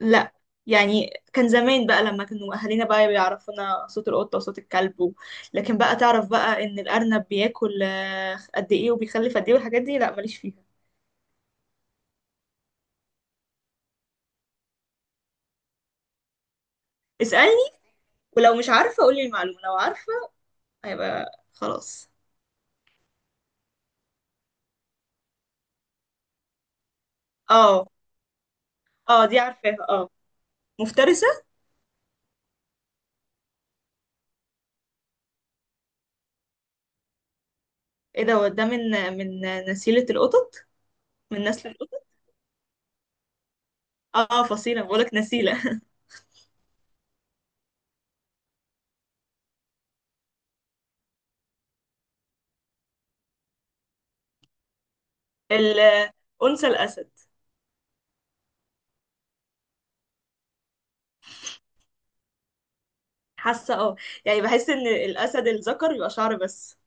لا، يعني كان زمان بقى لما كانوا اهالينا بقى بيعرفونا صوت القطه وصوت الكلب و لكن بقى تعرف بقى ان الارنب بياكل قد ايه وبيخلف قد ايه والحاجات دي، لا ماليش فيها. اسالني، ولو مش عارفه قولي المعلومه، لو عارفه هيبقى خلاص. اه. اه دي عارفاها، اه. مفترسه. ايه ده من نسيله القطط؟ من نسل القطط. اه فصيله، بقولك نسيله. الانثى الاسد. حاسه، اه، يعني بحس ان الاسد الذكر بيبقى شعر بس.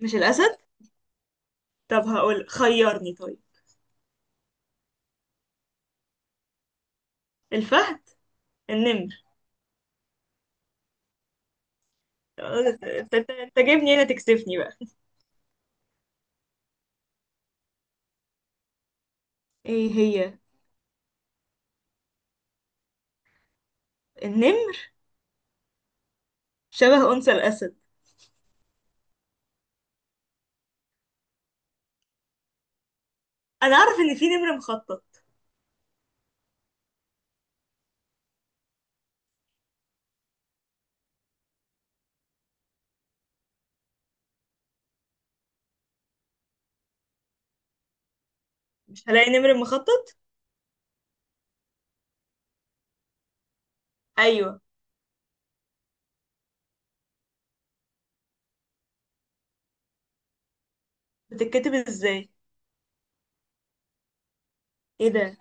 مش الاسد؟ طب هقول خيرني، طيب. الفهد. النمر. انت جايبني هنا تكسفني بقى. ايه هي؟ النمر شبه انثى الاسد. انا اعرف ان في نمر مخطط. مش هلاقي نمر مخطط؟ ايوه. بتتكتب ازاي؟ ايه ده؟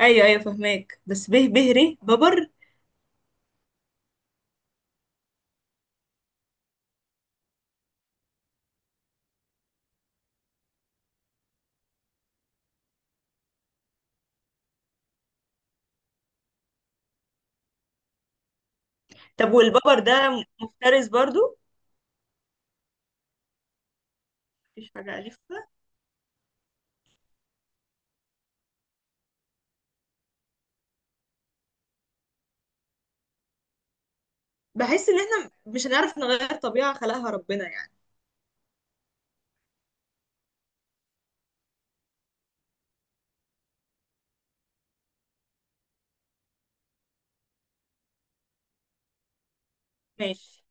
ايوه، ايوه، فهماك، بس به به ري، ببر. طب والببر ده مفترس برضو؟ مفيش حاجه الفها؟ بحس ان احنا مش هنعرف نغير طبيعه خلقها ربنا، يعني. ماشي.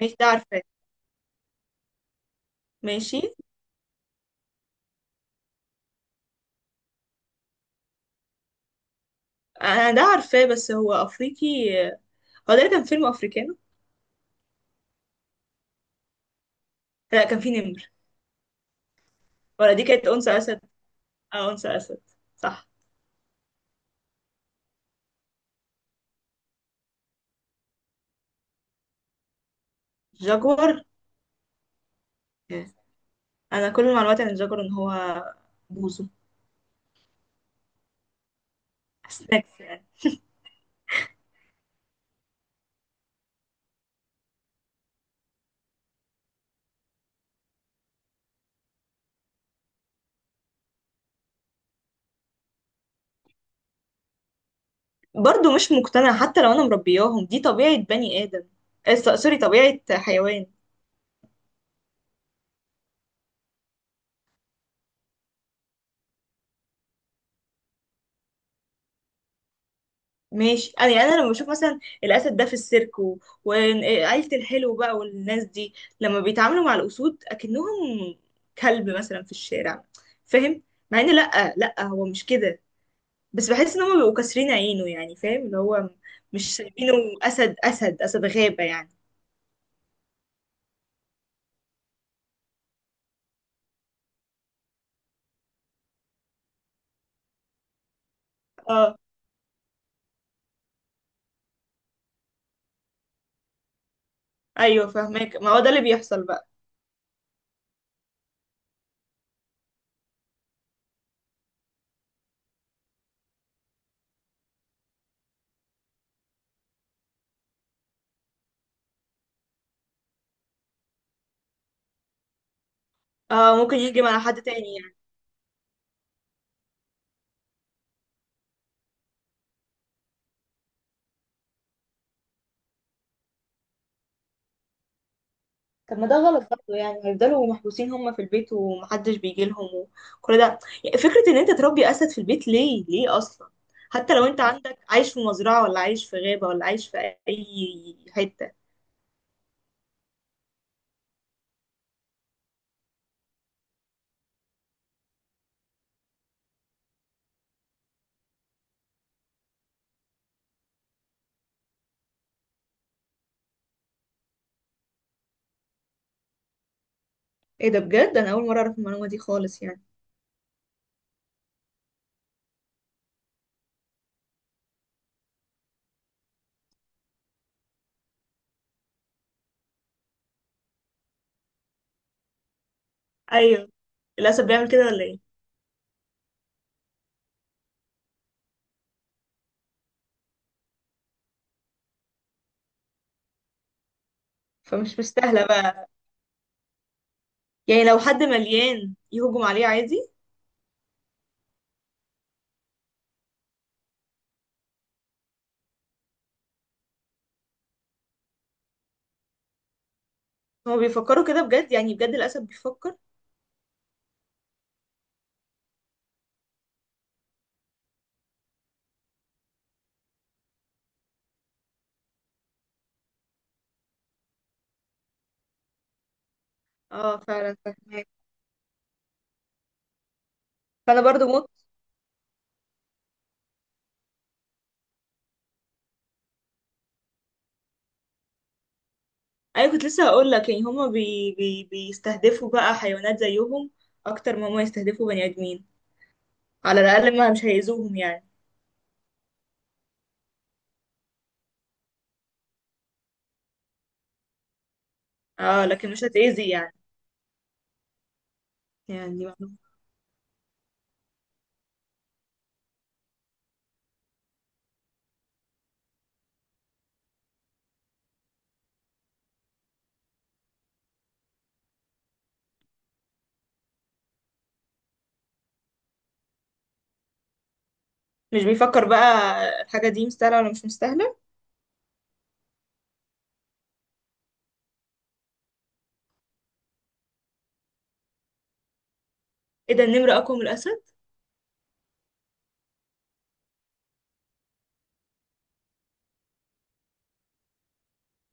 ماشي، ده عارفاه. ماشي. انا ده عارفاه بس هو افريقي. هو ده كان فيلم افريكانو؟ لا كان في نمر؟ ولا دي كانت انثى اسد؟ اه، انثى اسد، صح. جاكور. انا كل معلوماتي عن الجاكور ان هو بوزو، سناكس يعني. برضه مش مقتنعة، حتى لو انا مربياهم دي طبيعة بني ادم. سوري، طبيعة حيوان. ماشي، انا يعني انا لما بشوف مثلا الاسد ده في السيرك وعيلة الحلو بقى والناس دي لما بيتعاملوا مع الاسود اكنهم كلب مثلا في الشارع، فاهم؟ مع ان، لا، لا، هو مش كده. بس بحس ان هم بيبقوا كاسرين عينه، يعني فاهم اللي هو، مش سايبينه اسد اسد اسد غابة، يعني. اه. ايوه فاهمك، ما هو ده اللي بيحصل بقى. اه ممكن يهجم على حد تاني، يعني. طب ما ده غلط برضه، يعني هيفضلوا محبوسين هم في البيت ومحدش بيجي لهم وكل ده. يعني فكرة ان انت تربي اسد في البيت، ليه؟ ليه اصلا؟ حتى لو انت عندك عايش في مزرعة ولا عايش في غابة ولا عايش في اي حتة. ايه ده! بجد انا اول مرة اعرف المعلومة دي خالص، يعني. ايوه، الاسد بيعمل كده ولا ايه؟ فمش مستاهلة بقى. يعني لو حد مليان يهجم عليه عادي. هما بيفكروا كده بجد؟ يعني بجد الأسد بيفكر؟ اه، فعلا فاهمك. فأنا برضو موت. أيوة، كنت لسه هقول لك يعني هما بي بي بيستهدفوا بقى حيوانات زيهم أكتر ما هما يستهدفوا بني آدمين. على الأقل ما مش هيأذوهم، يعني. اه، لكن مش هتأذي، يعني. يعني دي معلومة. مش بيفكر بقى الحاجة دي مستاهلة ولا مش مستاهلة؟ ايه ده! النمر أقوى من الأسد؟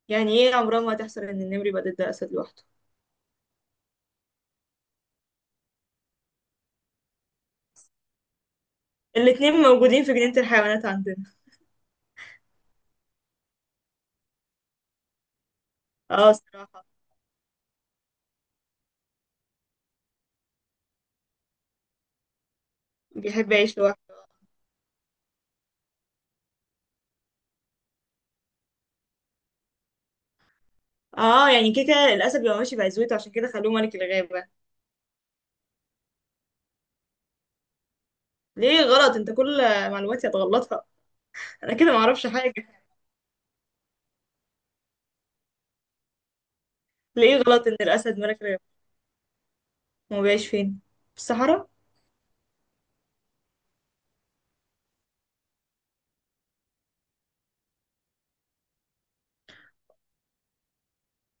يعني ايه عمرها ما هتحصل إن النمر يبقى ضد أسد لوحده؟ الاتنين موجودين في جنينة الحيوانات عندنا. اه صراحة. بيحب يعيش لوحده. اه، يعني كده كده الاسد بيبقى ماشي بعزوته، عشان كده خلوه ملك الغابه. ليه غلط؟ انت كل معلوماتي هتغلطها. انا كده ما اعرفش حاجه. ليه غلط ان الاسد ملك الغابه؟ ما هو بيعيش فين؟ في الصحراء؟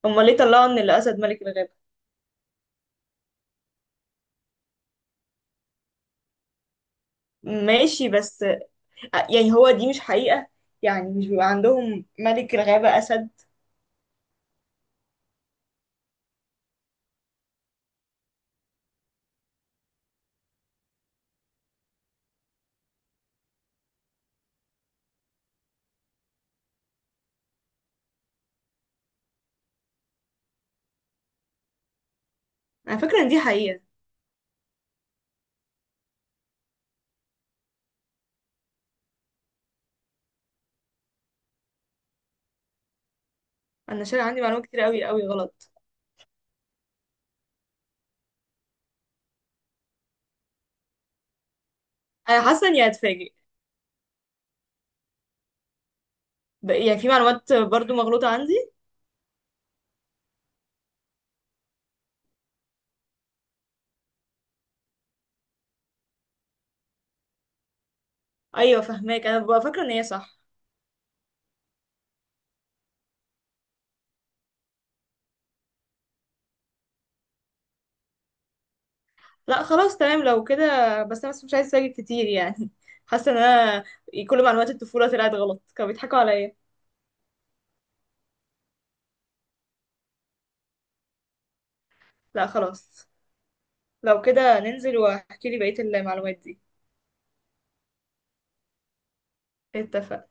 امال ليه طلعوا ان الاسد ملك الغابه؟ ماشي بس، يعني هو دي مش حقيقه؟ يعني مش بيبقى عندهم ملك الغابه اسد؟ انا فاكره ان دي حقيقه. انا شايف عندي معلومات كتير قوي قوي غلط. انا حاسه اني هتفاجئ. يعني في معلومات برضو مغلوطه عندي. ايوه فهماك، انا ببقى فاكره ان هي صح. لا خلاص، تمام لو كده. بس انا بس مش عايزه اسجل كتير، يعني حاسه ان انا كل معلومات الطفوله طلعت غلط، كانوا بيضحكوا عليا. لا خلاص. لو كده ننزل واحكي لي بقيه المعلومات دي. اتفق.